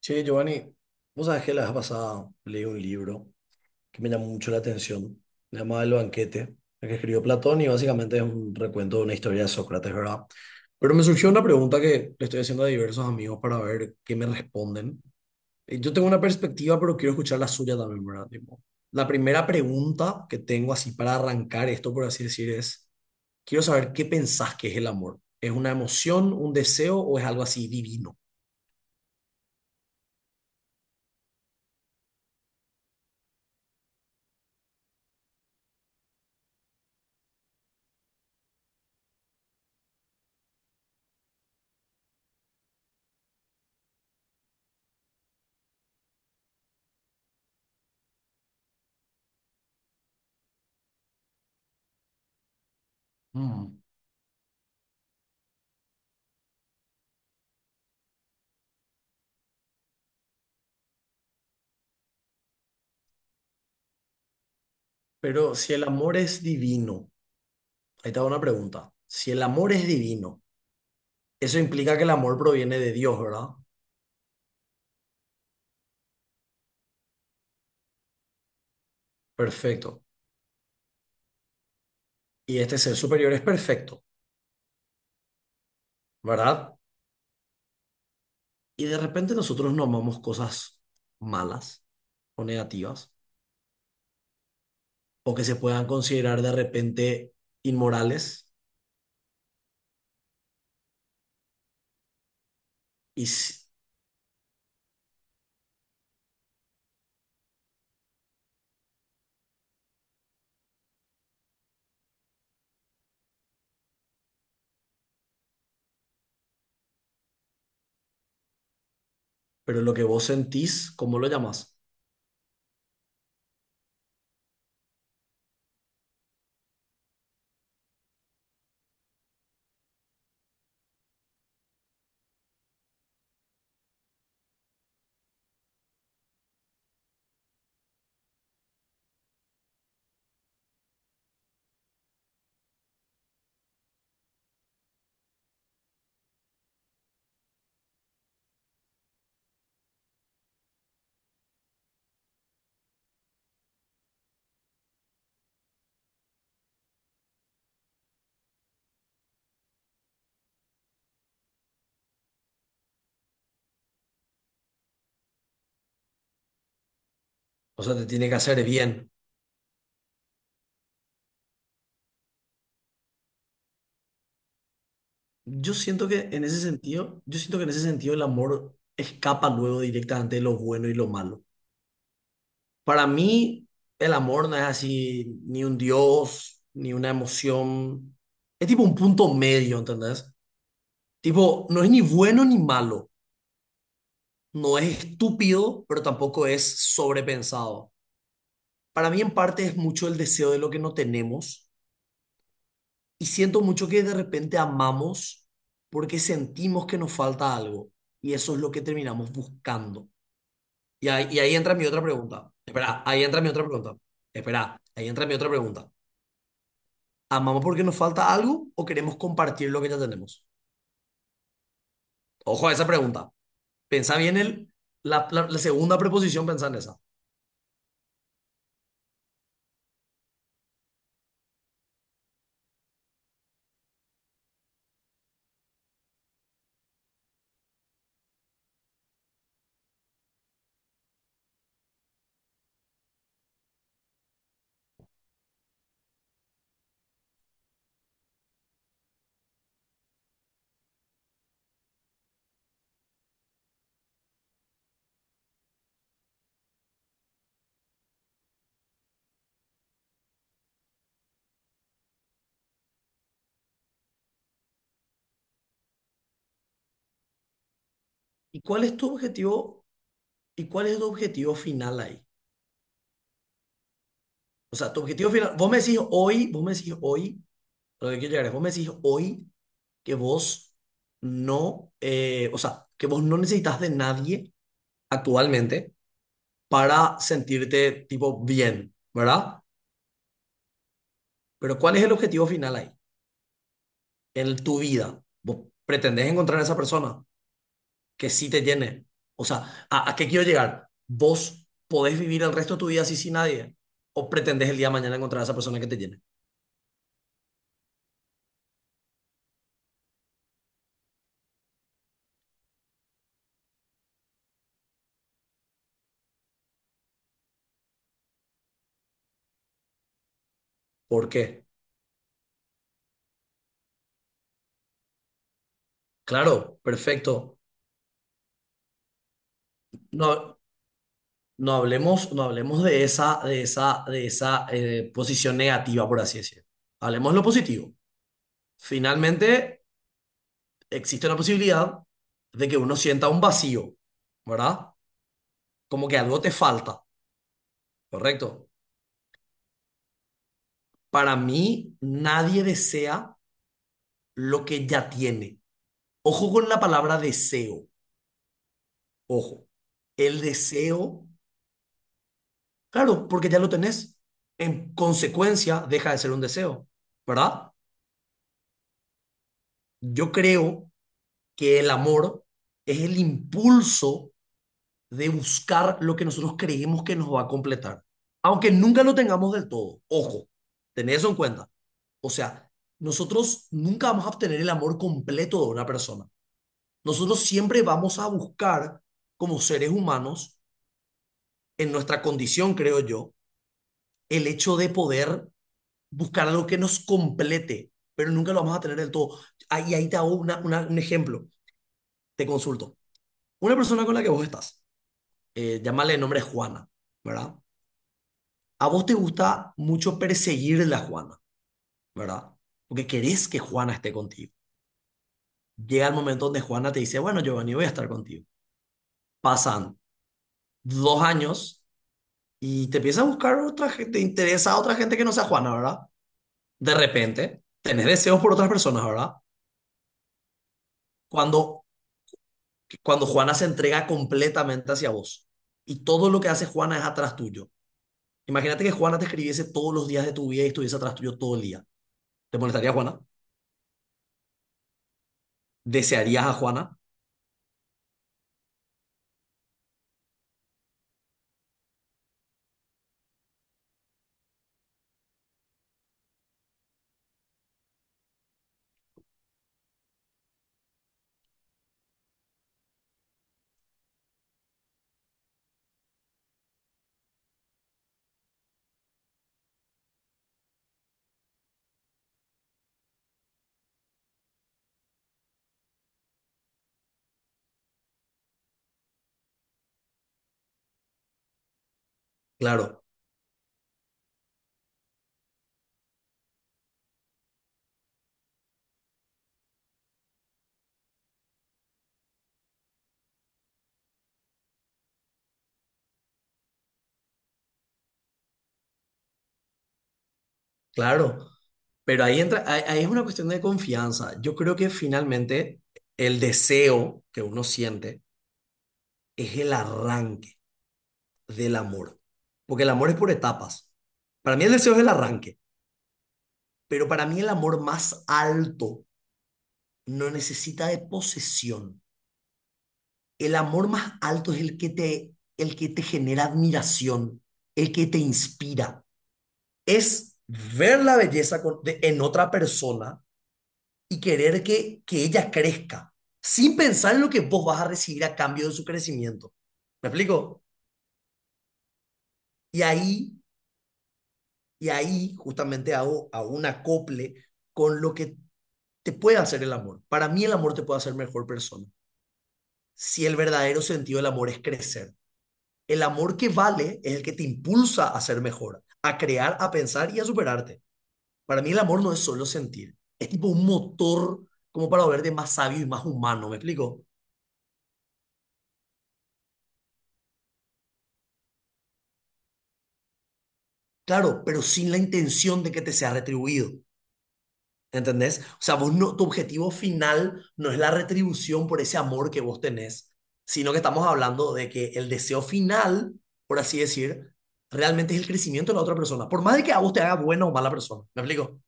Che, Giovanni, vos sabés que la vez pasada leí un libro que me llamó mucho la atención, se llama El banquete, el que escribió Platón y básicamente es un recuento de una historia de Sócrates, ¿verdad? Pero me surgió una pregunta que le estoy haciendo a diversos amigos para ver qué me responden. Yo tengo una perspectiva, pero quiero escuchar la suya también, ¿verdad? Tipo, la primera pregunta que tengo así para arrancar esto, por así decir, es, quiero saber qué pensás que es el amor. ¿Es una emoción, un deseo o es algo así divino? Pero si el amor es divino, ahí te hago una pregunta. Si el amor es divino, eso implica que el amor proviene de Dios, ¿verdad? Perfecto. Y este ser superior es perfecto, ¿verdad? Y de repente nosotros no amamos cosas malas o negativas o que se puedan considerar de repente inmorales, y, s- pero lo que vos sentís, ¿cómo lo llamas? O sea, te tiene que hacer bien. Yo siento que en ese sentido, yo siento que en ese sentido el amor escapa luego directamente de lo bueno y lo malo. Para mí, el amor no es así ni un dios, ni una emoción. Es tipo un punto medio, ¿entendés? Tipo, no es ni bueno ni malo. No es estúpido, pero tampoco es sobrepensado. Para mí, en parte, es mucho el deseo de lo que no tenemos. Y siento mucho que de repente amamos porque sentimos que nos falta algo. Y eso es lo que terminamos buscando. Y ahí entra mi otra pregunta. Espera, ahí entra mi otra pregunta. Espera, ahí entra mi otra pregunta. ¿Amamos porque nos falta algo o queremos compartir lo que ya tenemos? Ojo a esa pregunta. Pensá bien la segunda preposición, pensá en esa. ¿Y cuál es tu objetivo? ¿Y cuál es tu objetivo final ahí? O sea, tu objetivo final, vos me decís hoy, a lo que quiero llegar es, vos me decís hoy que vos que vos no necesitas de nadie actualmente para sentirte tipo bien, ¿verdad? Pero ¿cuál es el objetivo final ahí? En tu vida. ¿Vos pretendés encontrar a esa persona? Que sí te llene. O sea, a qué quiero llegar? ¿Vos podés vivir el resto de tu vida así sin nadie? ¿O pretendés el día de mañana encontrar a esa persona que te llene? ¿Por qué? Claro, perfecto. No, no, no hablemos de esa posición negativa, por así decirlo. Hablemos de lo positivo. Finalmente, existe la posibilidad de que uno sienta un vacío, ¿verdad? Como que algo te falta, ¿correcto? Para mí, nadie desea lo que ya tiene. Ojo con la palabra deseo, ojo. El deseo, claro, porque ya lo tenés. En consecuencia, deja de ser un deseo, ¿verdad? Yo creo que el amor es el impulso de buscar lo que nosotros creemos que nos va a completar, aunque nunca lo tengamos del todo. Ojo, tened eso en cuenta. O sea, nosotros nunca vamos a obtener el amor completo de una persona. Nosotros siempre vamos a buscar, como seres humanos, en nuestra condición, creo yo, el hecho de poder buscar algo que nos complete, pero nunca lo vamos a tener del todo. Ahí te hago un ejemplo, te consulto. Una persona con la que vos estás, llámale el nombre Juana, ¿verdad? A vos te gusta mucho perseguir la Juana, ¿verdad? Porque querés que Juana esté contigo. Llega el momento donde Juana te dice, bueno, Giovanni, voy a estar contigo. Pasan 2 años y te empieza a buscar otra gente, te interesa a otra gente que no sea Juana, ¿verdad? De repente, tenés deseos por otras personas, ¿verdad? Cuando, cuando Juana se entrega completamente hacia vos y todo lo que hace Juana es atrás tuyo. Imagínate que Juana te escribiese todos los días de tu vida y estuviese atrás tuyo todo el día. ¿Te molestaría Juana? ¿Desearías a Juana? Claro, claro. Pero ahí entra, ahí, ahí es una cuestión de confianza. Yo creo que finalmente el deseo que uno siente es el arranque del amor. Porque el amor es por etapas. Para mí el deseo es el arranque. Pero para mí el amor más alto no necesita de posesión. El amor más alto es el que te genera admiración, el que te inspira. Es ver la belleza con- de- en otra persona y querer que ella crezca, sin pensar en lo que vos vas a recibir a cambio de su crecimiento. ¿Me explico? Y ahí, y ahí justamente hago un acople con lo que te puede hacer el amor. Para mí el amor te puede hacer mejor persona. Si el verdadero sentido del amor es crecer. El amor que vale es el que te impulsa a ser mejor, a crear, a pensar y a superarte. Para mí el amor no es solo sentir, es tipo un motor como para volverte más sabio y más humano, ¿me explico? Claro, pero sin la intención de que te sea retribuido. ¿Entendés? O sea, vos no, tu objetivo final no es la retribución por ese amor que vos tenés, sino que estamos hablando de que el deseo final, por así decir, realmente es el crecimiento de la otra persona, por más de que a vos te haga buena o mala persona. ¿Me explico?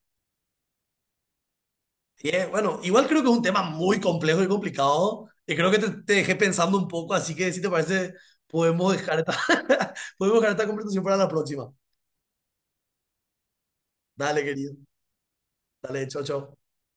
Y es, bueno, igual creo que es un tema muy complejo y complicado, y creo que te dejé pensando un poco, así que si te parece, podemos dejar esta, podemos dejar esta conversación para la próxima. Dale, querido. Dale, chao, chao.